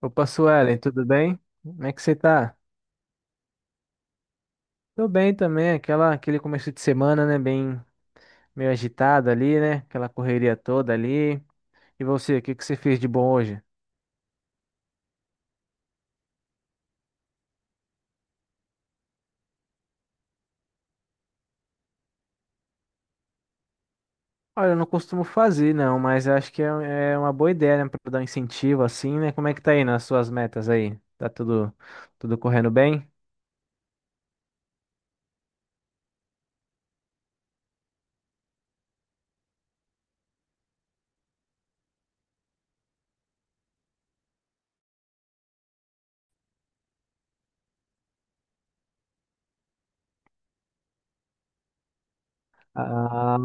Opa, Suelen, tudo bem? Como é que você tá? Tô bem também, aquele começo de semana, né, bem meio agitado ali, né, aquela correria toda ali. E você, o que que você fez de bom hoje? Olha, eu não costumo fazer, não, mas eu acho que é uma boa ideia, né, pra dar um incentivo assim, né? Como é que tá aí nas suas metas aí? Tá tudo correndo bem? Ah,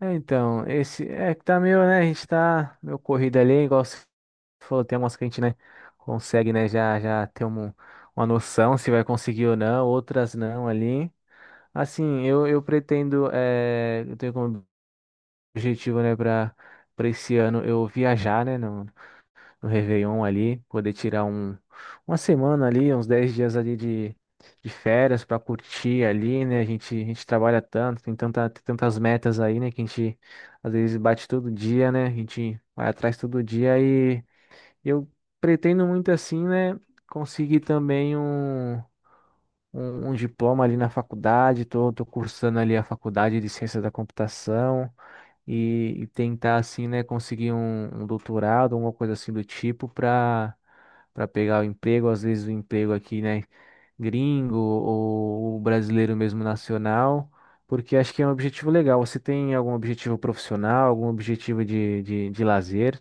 é, então, esse é que tá meio, né? A gente tá meio corrido ali, igual você falou, tem algumas que a gente, né, consegue, né, já ter uma noção se vai conseguir ou não, outras não ali. Assim, eu pretendo, eu tenho como objetivo, né, para esse ano eu viajar, né? No Réveillon ali, poder tirar uma semana ali, uns 10 dias ali de férias para curtir ali, né? A gente trabalha tanto, tem tantas metas aí, né? Que a gente às vezes bate todo dia, né? A gente vai atrás todo dia e eu pretendo muito assim, né? Conseguir também um, um diploma ali na faculdade, tô cursando ali a faculdade de ciência da computação e tentar assim, né, conseguir um doutorado, alguma coisa assim do tipo para pegar o emprego, às vezes o emprego aqui, né, gringo ou brasileiro mesmo nacional, porque acho que é um objetivo legal. Você tem algum objetivo profissional, algum objetivo de lazer?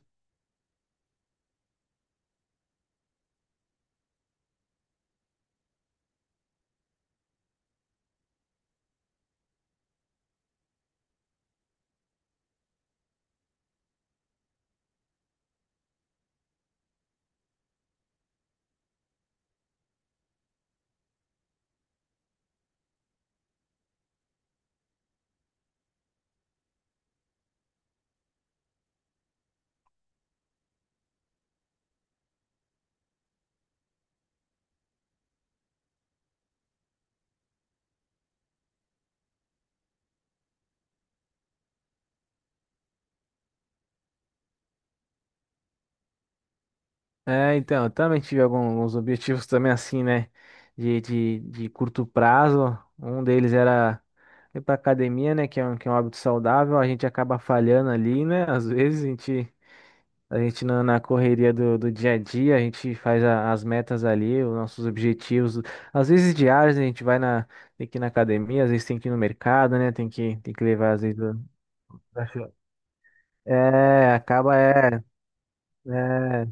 É, então, eu também tive alguns objetivos também assim, né? De curto prazo. Um deles era ir pra academia, né? Que é um hábito saudável. A gente acaba falhando ali, né? Às vezes a gente na correria do dia a dia, a gente faz as metas ali, os nossos objetivos. Às vezes diários, né, a gente vai na, tem que ir na academia, às vezes tem que ir no mercado, né? Tem que levar, às vezes. É, acaba, é. É.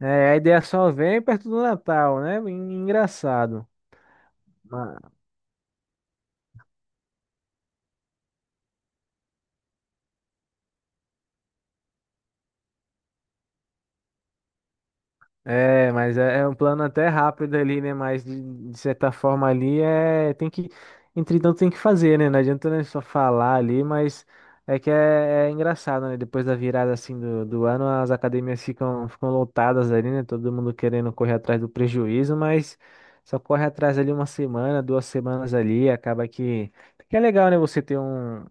É, a ideia só vem perto do Natal, né? Engraçado. Ma- É, mas é um plano até rápido ali, né? Mas de certa forma ali entretanto tem que fazer, né? Não adianta né, só falar ali, mas é que é engraçado, né? Depois da virada assim do ano, as academias ficam lotadas ali, né? Todo mundo querendo correr atrás do prejuízo, mas só corre atrás ali uma semana, 2 semanas ali, acaba que é legal, né? Você ter um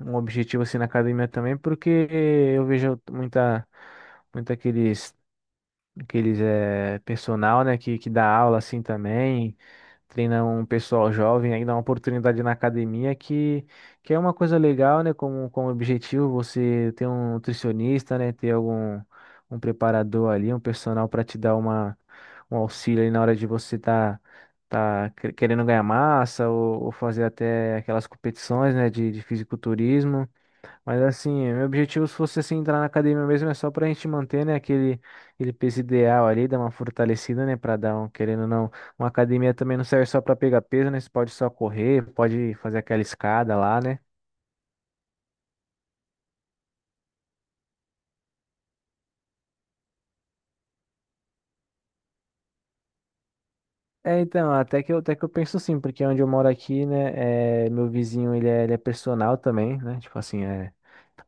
um objetivo assim na academia também, porque eu vejo muita aqueles personal, né, que dá aula assim também, treina um pessoal jovem, aí dá uma oportunidade na academia que é uma coisa legal, né, como objetivo você ter um nutricionista, né, ter algum um preparador ali, um personal para te dar um auxílio aí na hora de você tá querendo ganhar massa ou fazer até aquelas competições, né, de fisiculturismo. Mas assim, meu objetivo, se fosse assim, entrar na academia mesmo, é só pra gente manter, né, aquele peso ideal ali, dar uma fortalecida, né, pra dar um, querendo ou não, uma academia também não serve só pra pegar peso, né, você pode só correr, pode fazer aquela escada lá, né. É, então, até que eu penso sim, porque onde eu moro aqui, né, meu vizinho, ele é personal também, né, tipo assim,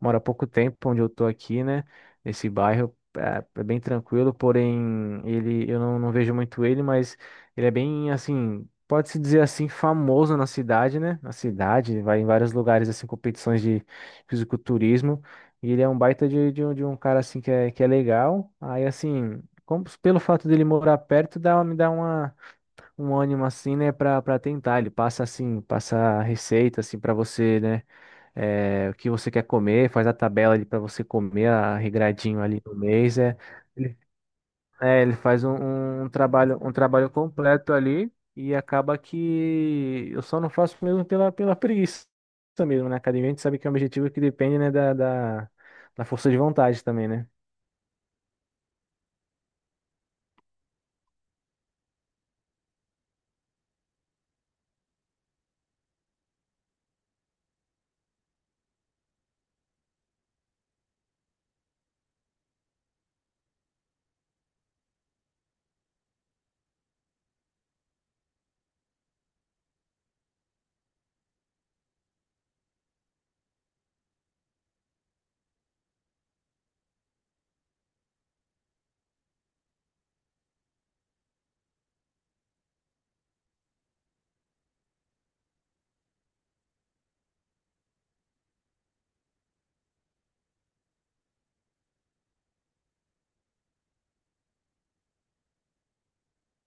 mora há pouco tempo onde eu tô aqui, né, nesse bairro, é bem tranquilo, porém, eu não vejo muito ele, mas ele é bem, assim, pode-se dizer assim, famoso na cidade, né, na cidade, vai em vários lugares, assim, competições de fisiculturismo, e ele é um baita de um cara, assim, que é legal, aí, assim, pelo fato dele morar perto, me dá uma um ânimo assim, né, Pra para tentar. Ele passa assim, passa a receita assim para você, né, o que você quer comer, faz a tabela ali para você comer a regradinho ali no mês, é. Ele, ele faz um, um trabalho completo ali e acaba que eu só não faço mesmo pela preguiça mesmo, né? Academia, a gente sabe que é um objetivo que depende, né, da força de vontade também, né?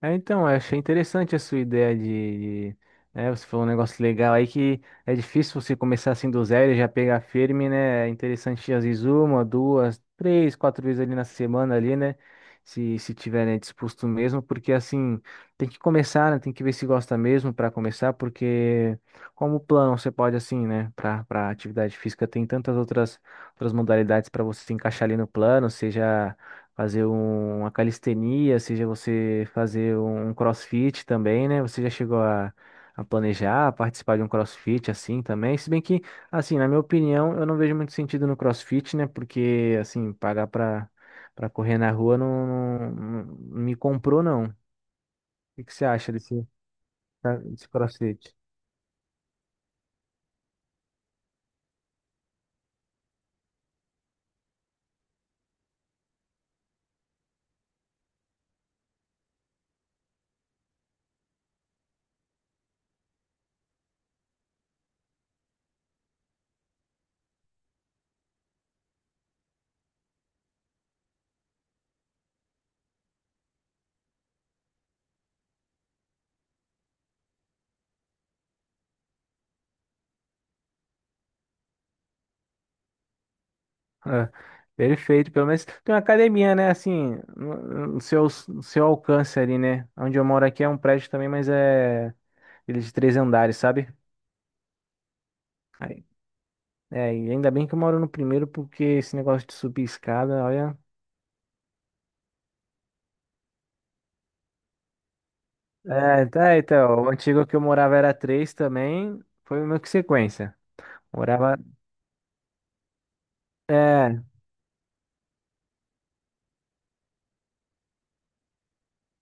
É, então, eu achei interessante a sua ideia né, você falou um negócio legal aí que é difícil você começar assim do zero e já pegar firme, né? É interessante às vezes uma, duas, três, quatro vezes ali na semana ali, né? Se tiver, né, disposto mesmo, porque assim, tem que começar, né? Tem que ver se gosta mesmo para começar, porque como plano você pode assim, né, para atividade física tem tantas outras modalidades para você se encaixar ali no plano, seja fazer uma calistenia, seja você fazer um CrossFit também, né? Você já chegou a planejar a participar de um CrossFit assim também? Se bem que, assim, na minha opinião, eu não vejo muito sentido no CrossFit, né? Porque, assim, pagar para correr na rua não me comprou, não. O que que você acha tá, desse CrossFit? Ah, perfeito, pelo menos tem uma academia, né? Assim, no no seu alcance ali, né? Onde eu moro aqui é um prédio também, mas é eles de três andares, sabe? Aí, e ainda bem que eu moro no primeiro, porque esse negócio de subir escada, olha. É, tá, então, o antigo que eu morava era três também, foi meio que sequência. Morava. É,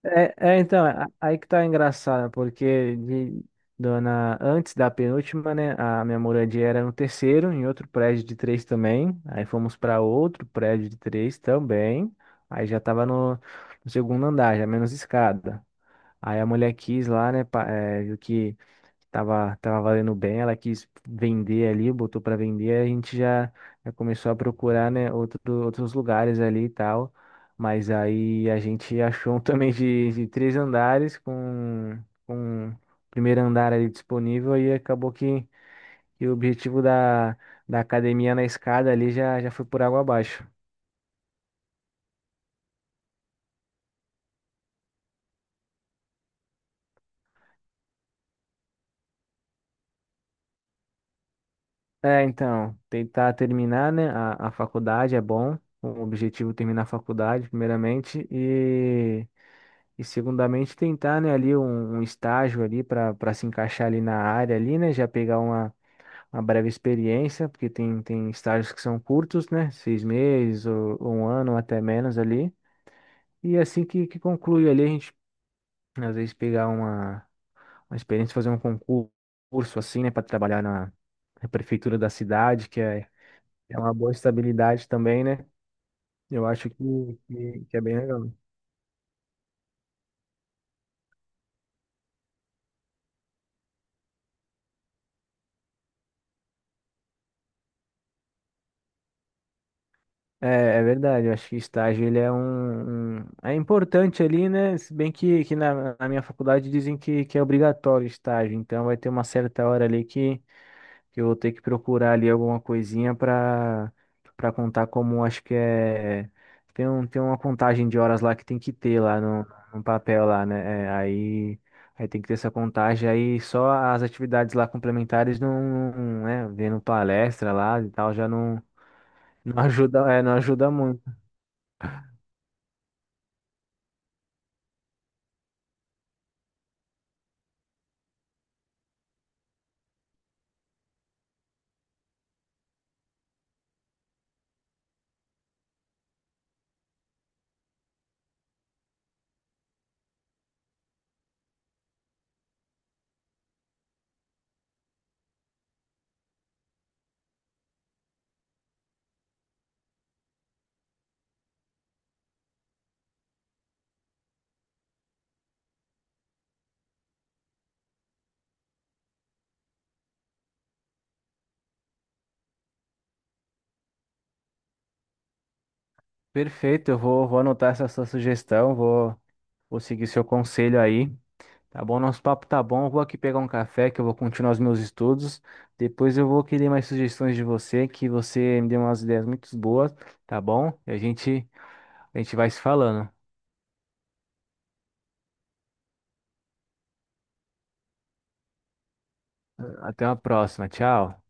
é, então, aí que tá engraçado, porque dona, antes da penúltima, né, a minha moradia era no terceiro, em outro prédio de três também. Aí fomos para outro prédio de três também. Aí já tava no segundo andar, já menos escada. Aí a mulher quis lá, né, viu que tava valendo bem, ela quis vender ali, botou para vender, a gente já começou a procurar, né, outros lugares ali e tal. Mas aí a gente achou um também de três andares com o primeiro andar ali disponível e acabou que o objetivo da academia na escada ali já foi por água abaixo. É, então, tentar terminar, né, a faculdade é bom, o objetivo é terminar a faculdade, primeiramente, e segundamente tentar, né, ali um estágio ali para se encaixar ali na área ali, né, já pegar uma, breve experiência, porque tem estágios que são curtos, né, 6 meses ou um ano, ou até menos ali, e assim que conclui ali, a gente às vezes pegar uma experiência, fazer um concurso assim, né, para trabalhar na prefeitura da cidade, que é uma boa estabilidade também, né? Eu acho que é bem legal. É, é verdade, eu acho que estágio ele é importante ali, né? Se bem que na minha faculdade dizem que é obrigatório estágio, então vai ter uma certa hora ali que eu vou ter que procurar ali alguma coisinha para contar como acho que é tem uma contagem de horas lá que tem que ter lá no papel lá, né? É, aí tem que ter essa contagem aí só as atividades lá complementares não, não, né, vendo palestra lá e tal já não ajuda, não ajuda muito. Perfeito, eu vou anotar essa sua sugestão, vou seguir seu conselho aí. Tá bom, nosso papo tá bom. Eu vou aqui pegar um café que eu vou continuar os meus estudos. Depois eu vou querer mais sugestões de você, que você me deu umas ideias muito boas, tá bom? E a gente vai se falando. Até uma próxima. Tchau.